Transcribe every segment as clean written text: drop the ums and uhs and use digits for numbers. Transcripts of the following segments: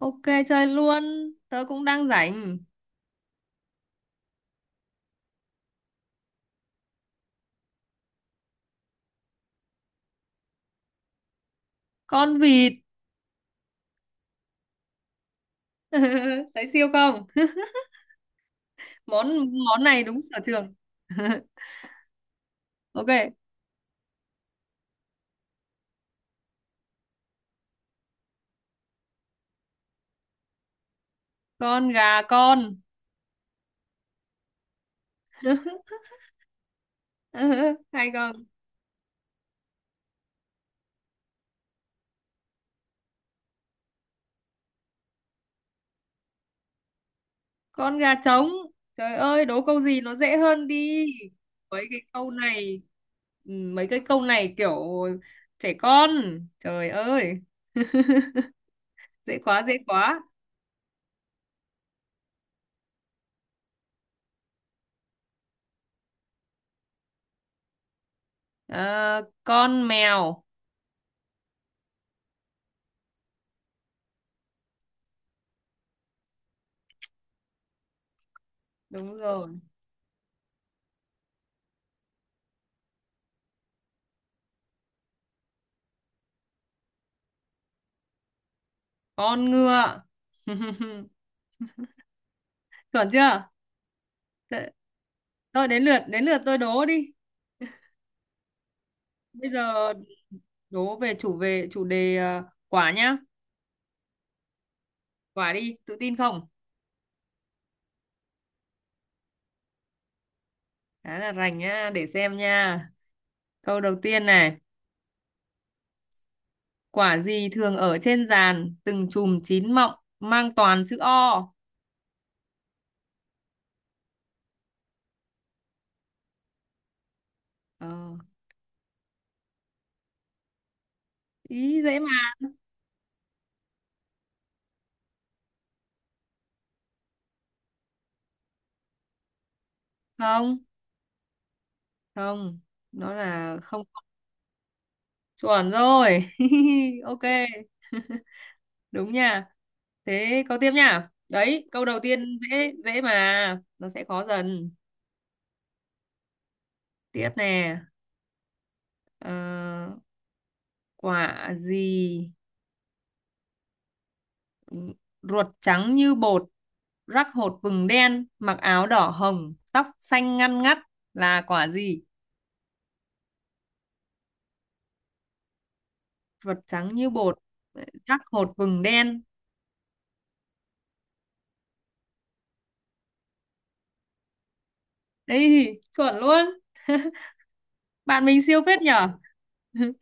Ok, chơi luôn, tớ cũng đang rảnh. Con vịt. Thấy siêu không? Món món này đúng sở trường. Ok, con gà con. Hay không? Con gà trống. Trời ơi, đố câu gì nó dễ hơn đi. Mấy cái câu này, ừ, mấy cái câu này kiểu trẻ con. Trời ơi. Dễ quá, dễ quá. Ờ, con mèo. Đúng rồi. Con ngựa. Chuẩn chưa? Thôi, đến lượt tôi đố đi. Bây giờ đố về chủ đề, quả nhá. Quả đi, tự tin không? Khá là rành nhá, để xem nha. Câu đầu tiên này, quả gì thường ở trên giàn, từng chùm chín mọng, mang toàn chữ O. Ờ, Ý dễ mà. Không, không, nó là không chuẩn rồi. Ok, đúng nha. Thế câu tiếp nha. Đấy, câu đầu tiên dễ dễ mà, nó sẽ khó dần. Tiếp nè. Ờ, Quả gì ruột trắng như bột, rắc hột vừng đen, mặc áo đỏ hồng, tóc xanh ngăn ngắt, là quả gì? Ruột trắng như bột, rắc hột vừng đen. Ấy, chuẩn luôn. Bạn mình siêu phết nhở.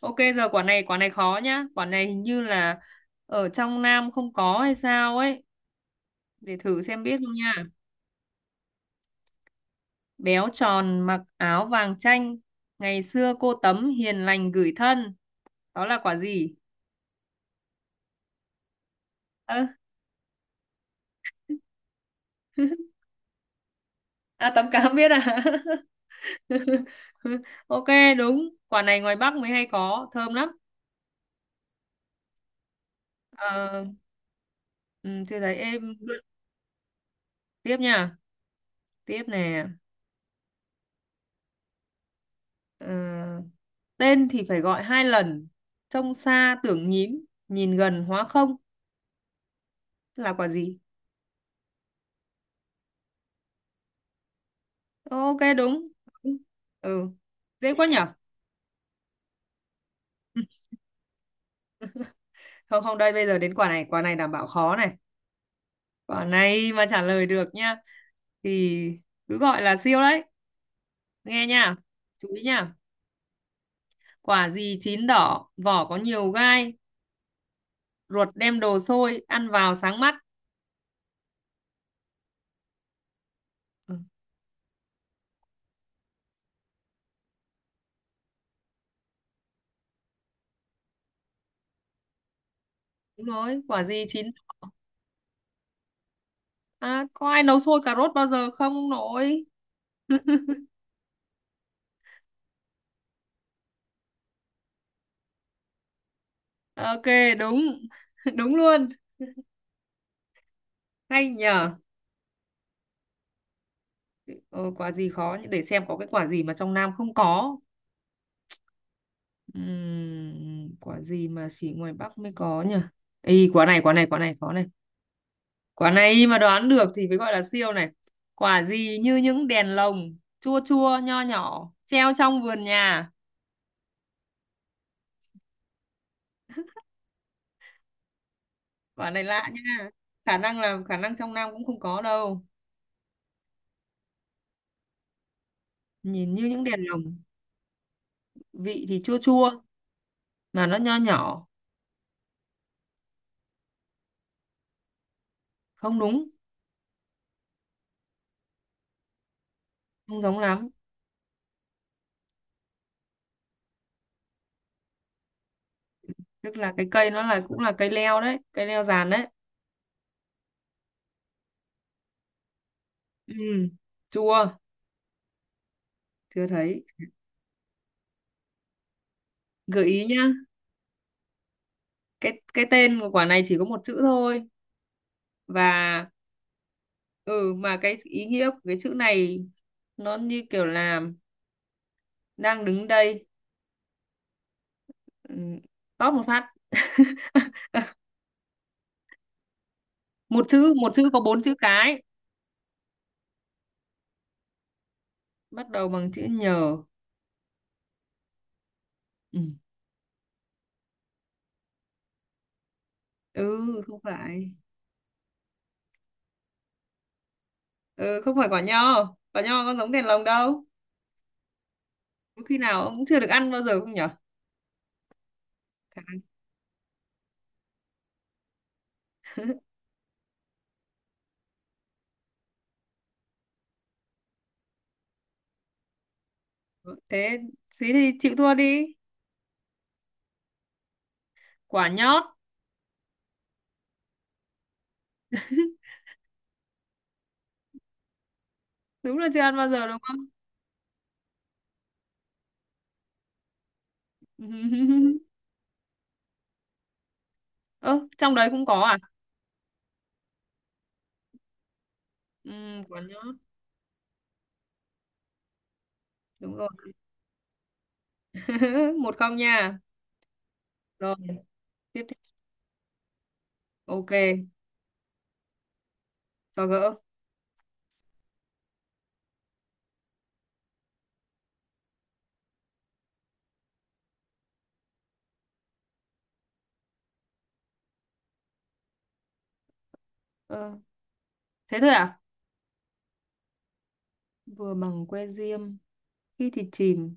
Ok, giờ quả này khó nhá. Quả này hình như là ở trong Nam không có hay sao ấy, để thử xem biết không nha. Béo tròn mặc áo vàng chanh, ngày xưa cô Tấm hiền lành gửi thân, đó là quả gì? Ơ, à, Tấm Cám biết à? Ok, đúng. Quả này ngoài Bắc mới hay có, thơm lắm. Ờ, ừ, chưa thấy em. Tiếp nha, tiếp nè. Ờ, tên thì phải gọi hai lần, trông xa tưởng nhím, nhìn gần hóa không, là quả gì? Ok, đúng. Ừ, dễ quá nhở. Không, không, đây bây giờ đến quả này. Quả này đảm bảo khó này. Quả này mà trả lời được nhá thì cứ gọi là siêu đấy. Nghe nha, chú ý nha. Quả gì chín đỏ, vỏ có nhiều gai, ruột đem đồ sôi, ăn vào sáng mắt. Ừ, đúng rồi, quả gì chín... À, có ai nấu sôi cà rốt bao giờ không nội? Ok, đúng. Đúng luôn. Hay nhờ. Ờ, quả gì khó nhỉ? Để xem có cái quả gì mà trong Nam không có. Quả gì mà chỉ ngoài Bắc mới có nhỉ? Ý, quả này khó này. Quả này mà đoán được thì mới gọi là siêu này. Quả gì như những đèn lồng, chua chua, nho nhỏ, treo trong vườn nhà. Quả này lạ nha. Khả năng trong Nam cũng không có đâu. Nhìn như những đèn lồng, vị thì chua chua, mà nó nho nhỏ. Không đúng, không giống lắm. Tức là cái cây nó là cũng là cây leo đấy, cây leo giàn đấy. Ừ, chua, chưa thấy. Gợi ý nhá. Cái tên của quả này chỉ có một chữ thôi, và ừ, mà cái ý nghĩa của cái chữ này nó như kiểu là đang đứng đây, ừ, tóp một phát. Một chữ có bốn chữ cái, bắt đầu bằng chữ nhờ. Ừ, ừ không phải. Ừ, không phải quả nho, quả nho có giống đèn lồng đâu. Có khi nào ông cũng chưa được ăn bao giờ không nhở? Khả năng. Thế, thế thì chịu thua đi. Quả nhót. Đúng là chưa ăn bao giờ đúng không? Ơ trong đấy cũng có à? Ừ, quả nhót, đúng rồi. Một không nha. Rồi, tiếp theo. Ok, có gỡ. Ờ, thế thôi à? Vừa bằng que diêm, khi thì chìm,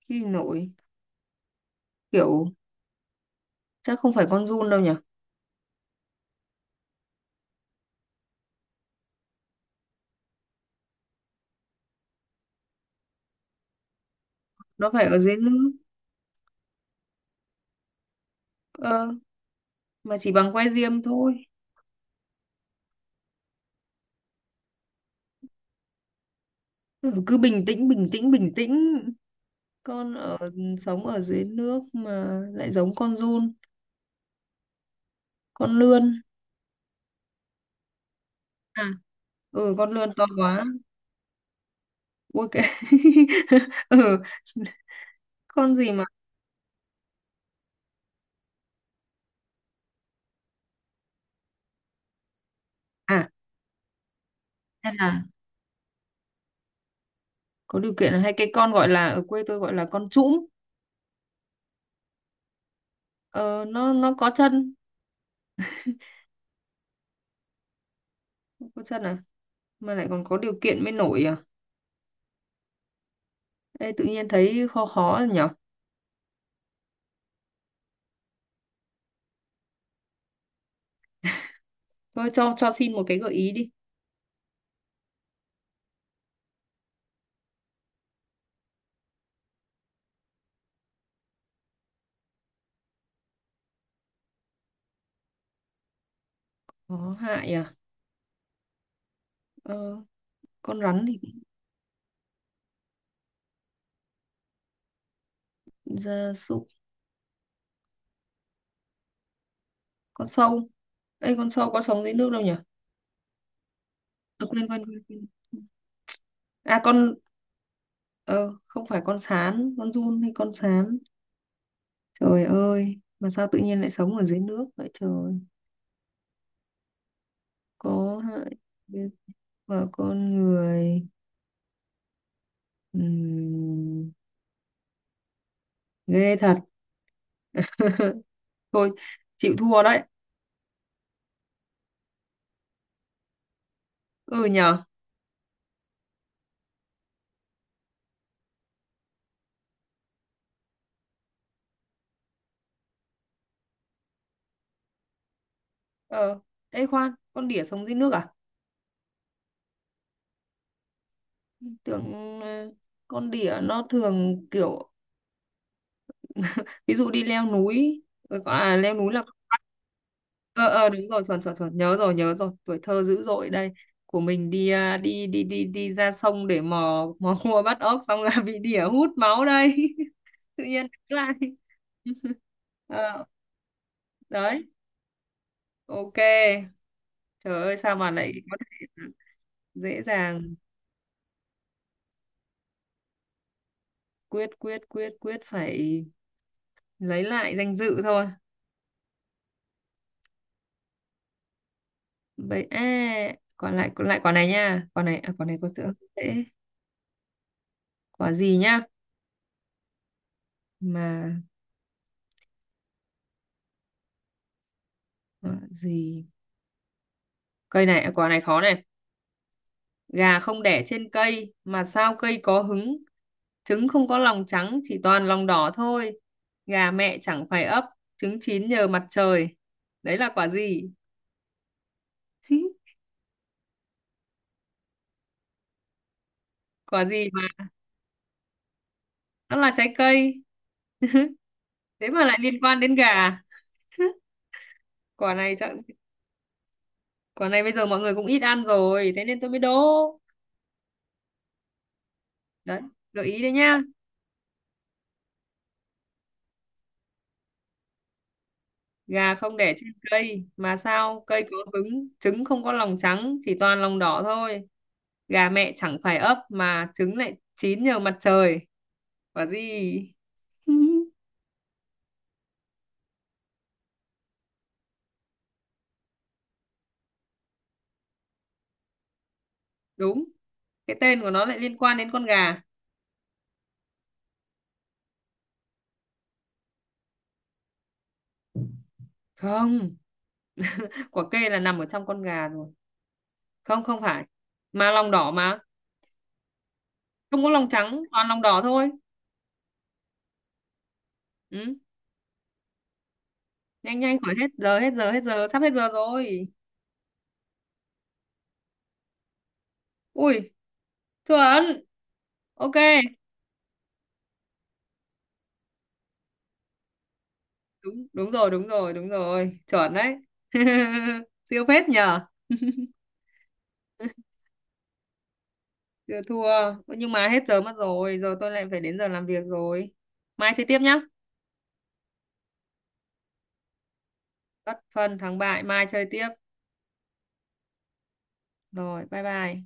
khi thì nổi. Kiểu chắc không phải con giun đâu nhỉ? Nó phải ở dưới nước. Ờ, mà chỉ bằng que diêm thôi. Ừ, cứ bình tĩnh. Con ở Sống ở dưới nước mà lại giống con giun, con lươn. À, ừ con lươn to quá. Ui cái. Ừ, con gì mà à, hay là có điều kiện, là hay cái con gọi là ở quê tôi gọi là con trũm. Ờ, nó có chân. Có chân à? Mà lại còn có điều kiện mới nổi à? Ê, tự nhiên thấy khó khó rồi nhở? Thôi, cho xin một cái gợi ý đi. Có hại à? Ờ, con rắn thì gia súc, con sâu. Ê, con sâu có sống dưới nước đâu nhở? À, quên, quên, quên, quên. À, con, ờ, không phải con sán, con giun hay con sán. Trời ơi, mà sao tự nhiên lại sống ở dưới nước vậy trời? Có hại và con người. Ừm, ghê thật. Thôi, chịu thua đấy. Ừ nhở? Ờ, ê khoan, con đỉa sống dưới nước à? Tưởng ờ, con đỉa nó thường kiểu ví dụ đi leo núi, ờ, à leo núi là ờ ờ đúng rồi, chuẩn chuẩn chuẩn, nhớ rồi, tuổi thơ dữ dội đây. Của mình đi à, đi đi đi đi ra sông để mò mò cua bắt ốc, xong là bị đỉa hút máu đây. Tự nhiên đứng lại. Ờ, đấy, ok. Trời ơi sao mà lại có thể dễ dàng. Quyết quyết quyết quyết phải lấy lại danh dự thôi. Vậy à, còn lại quả này nha. Quả này, à, quả này có sự hơi dễ. Quả gì nhá mà, quả gì, cây này, à, quả này khó này. Gà không đẻ trên cây mà sao cây có hứng, trứng không có lòng trắng chỉ toàn lòng đỏ thôi, gà mẹ chẳng phải ấp, trứng chín nhờ mặt trời, đấy là quả gì? Quả gì mà nó là trái cây, thế mà lại liên quan đến gà. quả này chắc- Quả này bây giờ mọi người cũng ít ăn rồi, thế nên tôi mới đố đấy. Gợi ý đấy nhá. Gà không đẻ trên cây mà sao cây có cứng, trứng không có lòng trắng chỉ toàn lòng đỏ thôi, gà mẹ chẳng phải ấp, mà trứng lại chín nhờ mặt trời, quả gì? Đúng, cái tên của nó lại liên quan đến con gà. Không, quả kê là nằm ở trong con gà rồi, không không phải, mà lòng đỏ mà, không có lòng trắng toàn lòng đỏ thôi. Ừ. Nhanh nhanh khỏi hết giờ, hết giờ, sắp hết giờ rồi. Ui, chuẩn. Ok, đúng, đúng rồi đúng rồi, chuẩn đấy. Siêu phết nhờ. Chưa thua. Nhưng mà hết giờ mất rồi, giờ tôi lại phải đến giờ làm việc rồi, mai chơi tiếp nhá. Bất phân thắng bại, mai chơi tiếp. Rồi, bye bye.